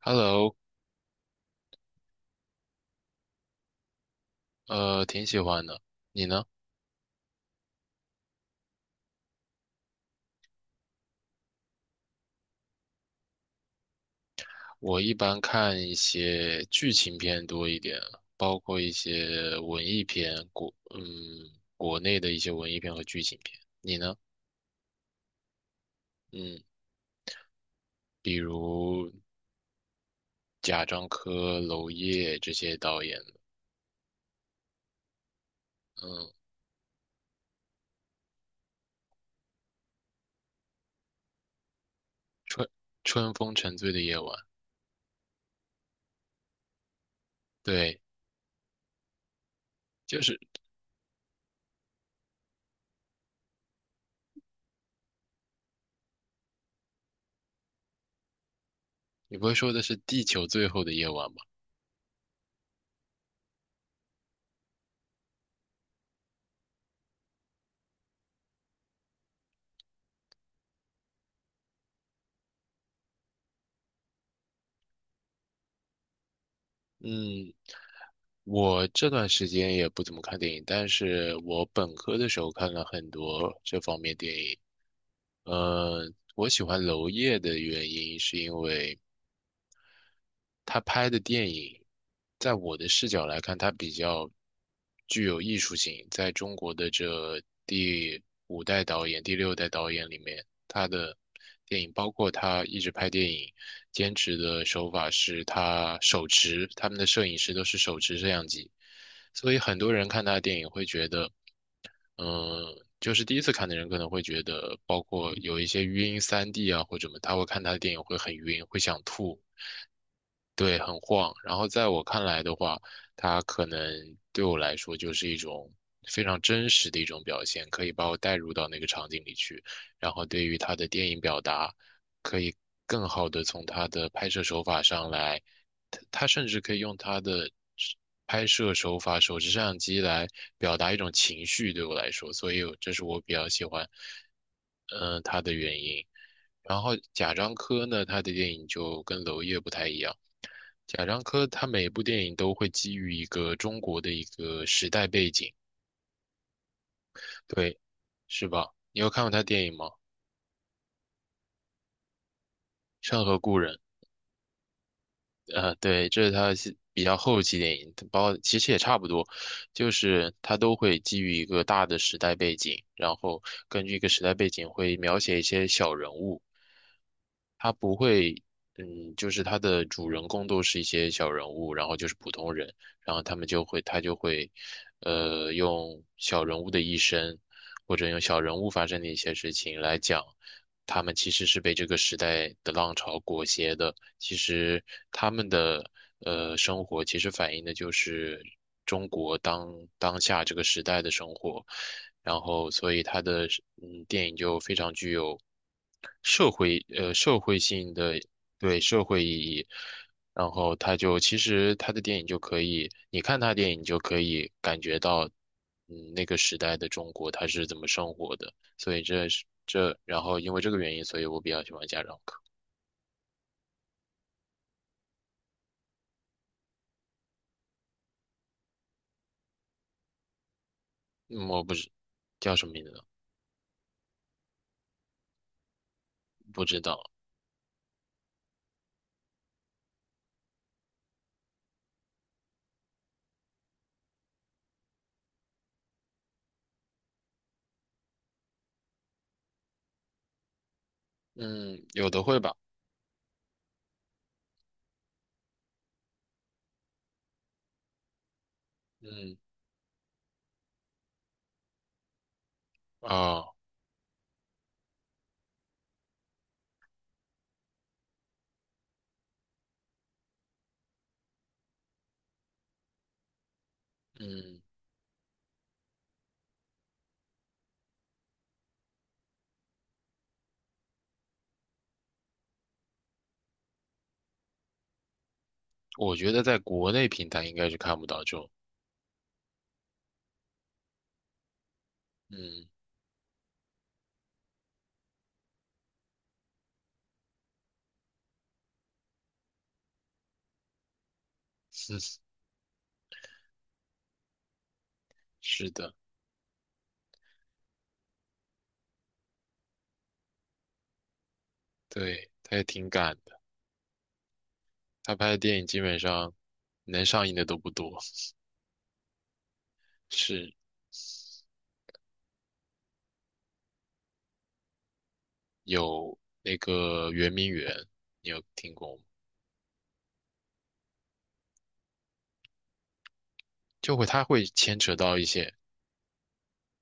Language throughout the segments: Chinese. Hello，挺喜欢的。你呢？我一般看一些剧情片多一点，包括一些文艺片，国内的一些文艺片和剧情片。你呢？嗯，比如贾樟柯、娄烨这些导演的，嗯，春春风沉醉的夜晚，对，就是你不会说的是地球最后的夜晚吧？嗯，我这段时间也不怎么看电影，但是我本科的时候看了很多这方面电影。我喜欢娄烨的原因是因为他拍的电影，在我的视角来看，他比较具有艺术性。在中国的第五代导演、第六代导演里面，他的电影，包括他一直拍电影，坚持的手法是他手持，他们的摄影师都是手持摄像机，所以很多人看他的电影会觉得，嗯。就是第一次看的人可能会觉得，包括有一些晕3D 啊或者什么，他会看他的电影会很晕，会想吐。对，很晃。然后在我看来的话，它可能对我来说就是一种非常真实的一种表现，可以把我带入到那个场景里去。然后对于他的电影表达，可以更好的从他的拍摄手法上来，他它甚至可以用他的拍摄手法、手持摄像机来表达一种情绪。对我来说，所以这是我比较喜欢，嗯、他的原因。然后贾樟柯呢，他的电影就跟娄烨不太一样。贾樟柯他每部电影都会基于一个中国的一个时代背景，对，是吧？你有看过他电影吗？《山河故人》对，这是他是比较后期电影，包括其实也差不多，就是他都会基于一个大的时代背景，然后根据一个时代背景会描写一些小人物，他不会，就是他的主人公都是一些小人物，然后就是普通人，然后他们就会，他就会，用小人物的一生，或者用小人物发生的一些事情来讲。他们其实是被这个时代的浪潮裹挟的。其实他们的生活，其实反映的就是中国当下这个时代的生活。然后，所以他的电影就非常具有社会性的。对，社会意义。然后他就其实他的电影就可以，你看他电影你就可以感觉到，那个时代的中国他是怎么生活的。所以这是这，然后因为这个原因，所以我比较喜欢家长课。嗯，我不知。叫什么名字呢？不知道。嗯，有的会吧。嗯啊，嗯，我觉得在国内平台应该是看不到这种。嗯，是是的，对，他也挺赶的。他拍的电影基本上能上映的都不多。是有那个圆明园，你有听过吗？就会他会牵扯到一些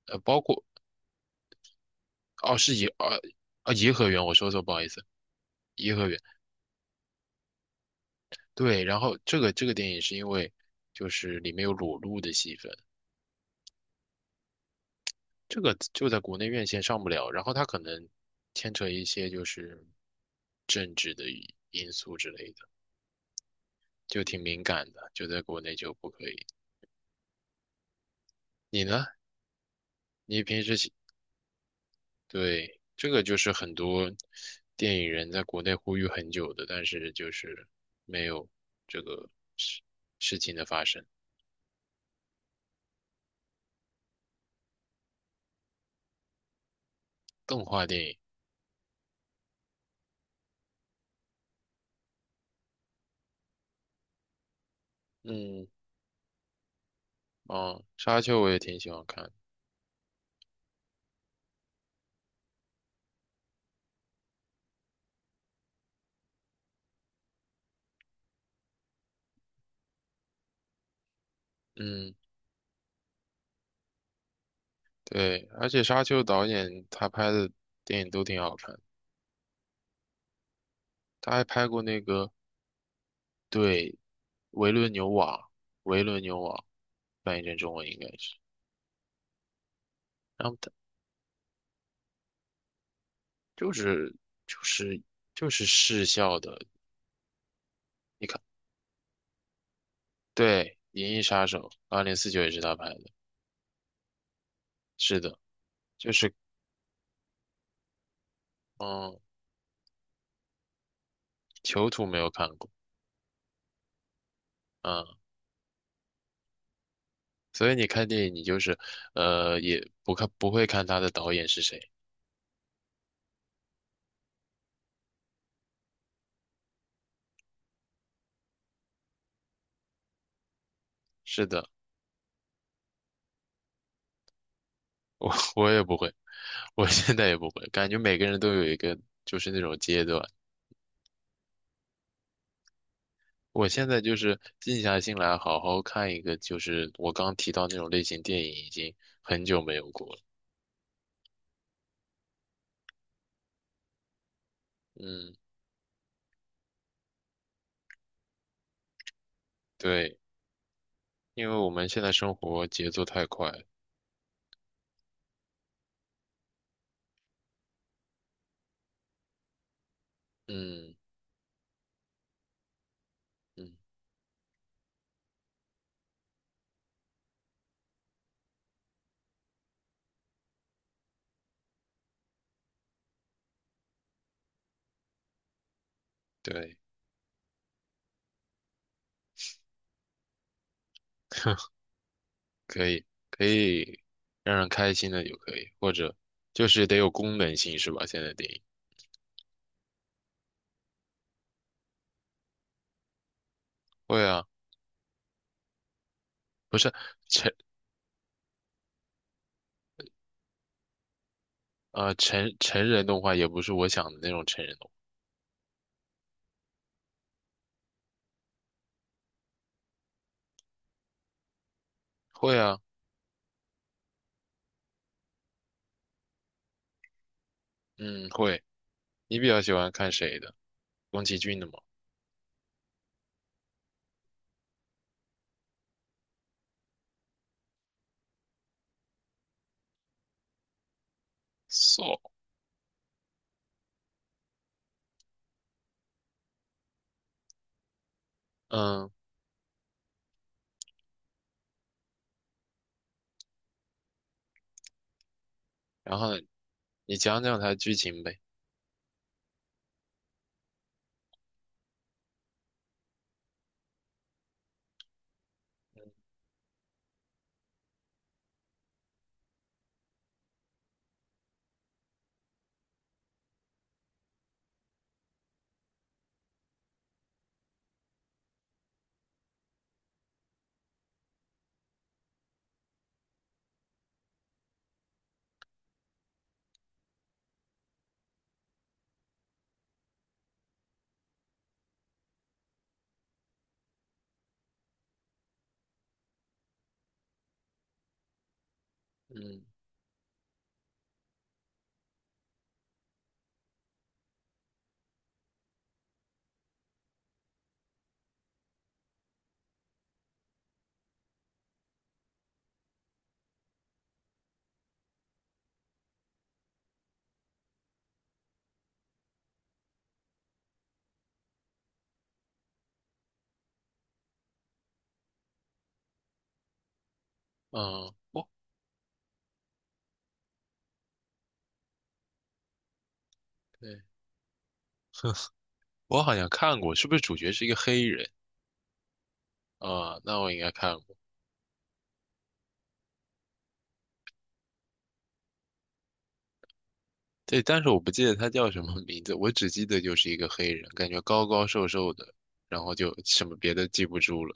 包括哦，是颐呃颐和园，我说错，不好意思。颐和园，对，然后这个电影是因为就是里面有裸露的戏份，这个就在国内院线上不了，然后它可能牵扯一些就是政治的因素之类的，就挺敏感的，就在国内就不可以。你呢？你平时喜对，这个就是很多电影人在国内呼吁很久的，但是就是没有这个事事情的发生。动画电影，嗯，哦，沙丘我也挺喜欢看的。嗯，对，而且沙丘导演他拍的电影都挺好看，他还拍过那个。对，《维伦纽瓦》，《维伦纽瓦》翻译成中文应该是，然后他就是就是就是视效的。你看，对，《银翼杀手》2049也是他拍的，是的。就是嗯，囚徒没有看过。嗯，所以你看电影你就是也不看不会看他的导演是谁，是的。我也不会，我现在也不会，感觉每个人都有一个就是那种阶段。我现在就是静下心来，好好看一个，就是我刚提到那种类型电影，已经很久没有过了。嗯，对，因为我们现在生活节奏太快了。嗯嗯，对， 可以可以让人开心的就可以，或者就是得有功能性是吧？现在电影会啊，不是成成人动画也不是我想的那种成人动画。会啊，嗯，会。你比较喜欢看谁的？宫崎骏的吗？So，嗯，然后呢，你讲讲他的剧情呗。嗯嗯，对我好像看过，是不是主角是一个黑人？啊，那我应该看过。对，但是我不记得他叫什么名字，我只记得就是一个黑人，感觉高高瘦瘦的，然后就什么别的记不住了。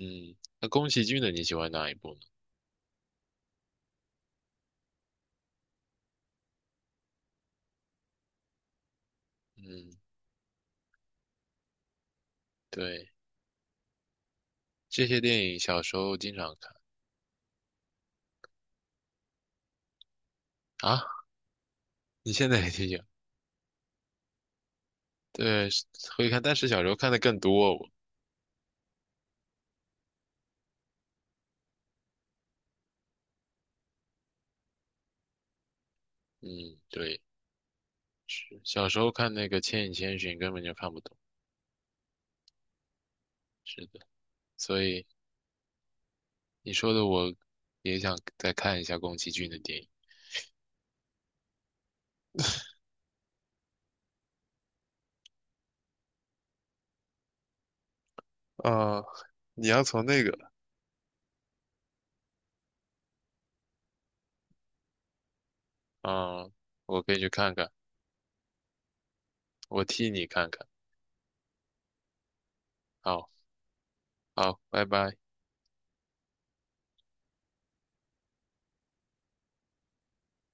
嗯，那宫崎骏的你喜欢哪一部呢？嗯，对，这些电影小时候经常看。啊，你现在也听。对，会看，但是小时候看的更多。嗯，对，是小时候看那个《千与千寻》根本就看不懂。是的，所以你说的我也想再看一下宫崎骏的电影。啊，你要从那个。嗯，我可以去看看，我替你看看。好，好，拜拜。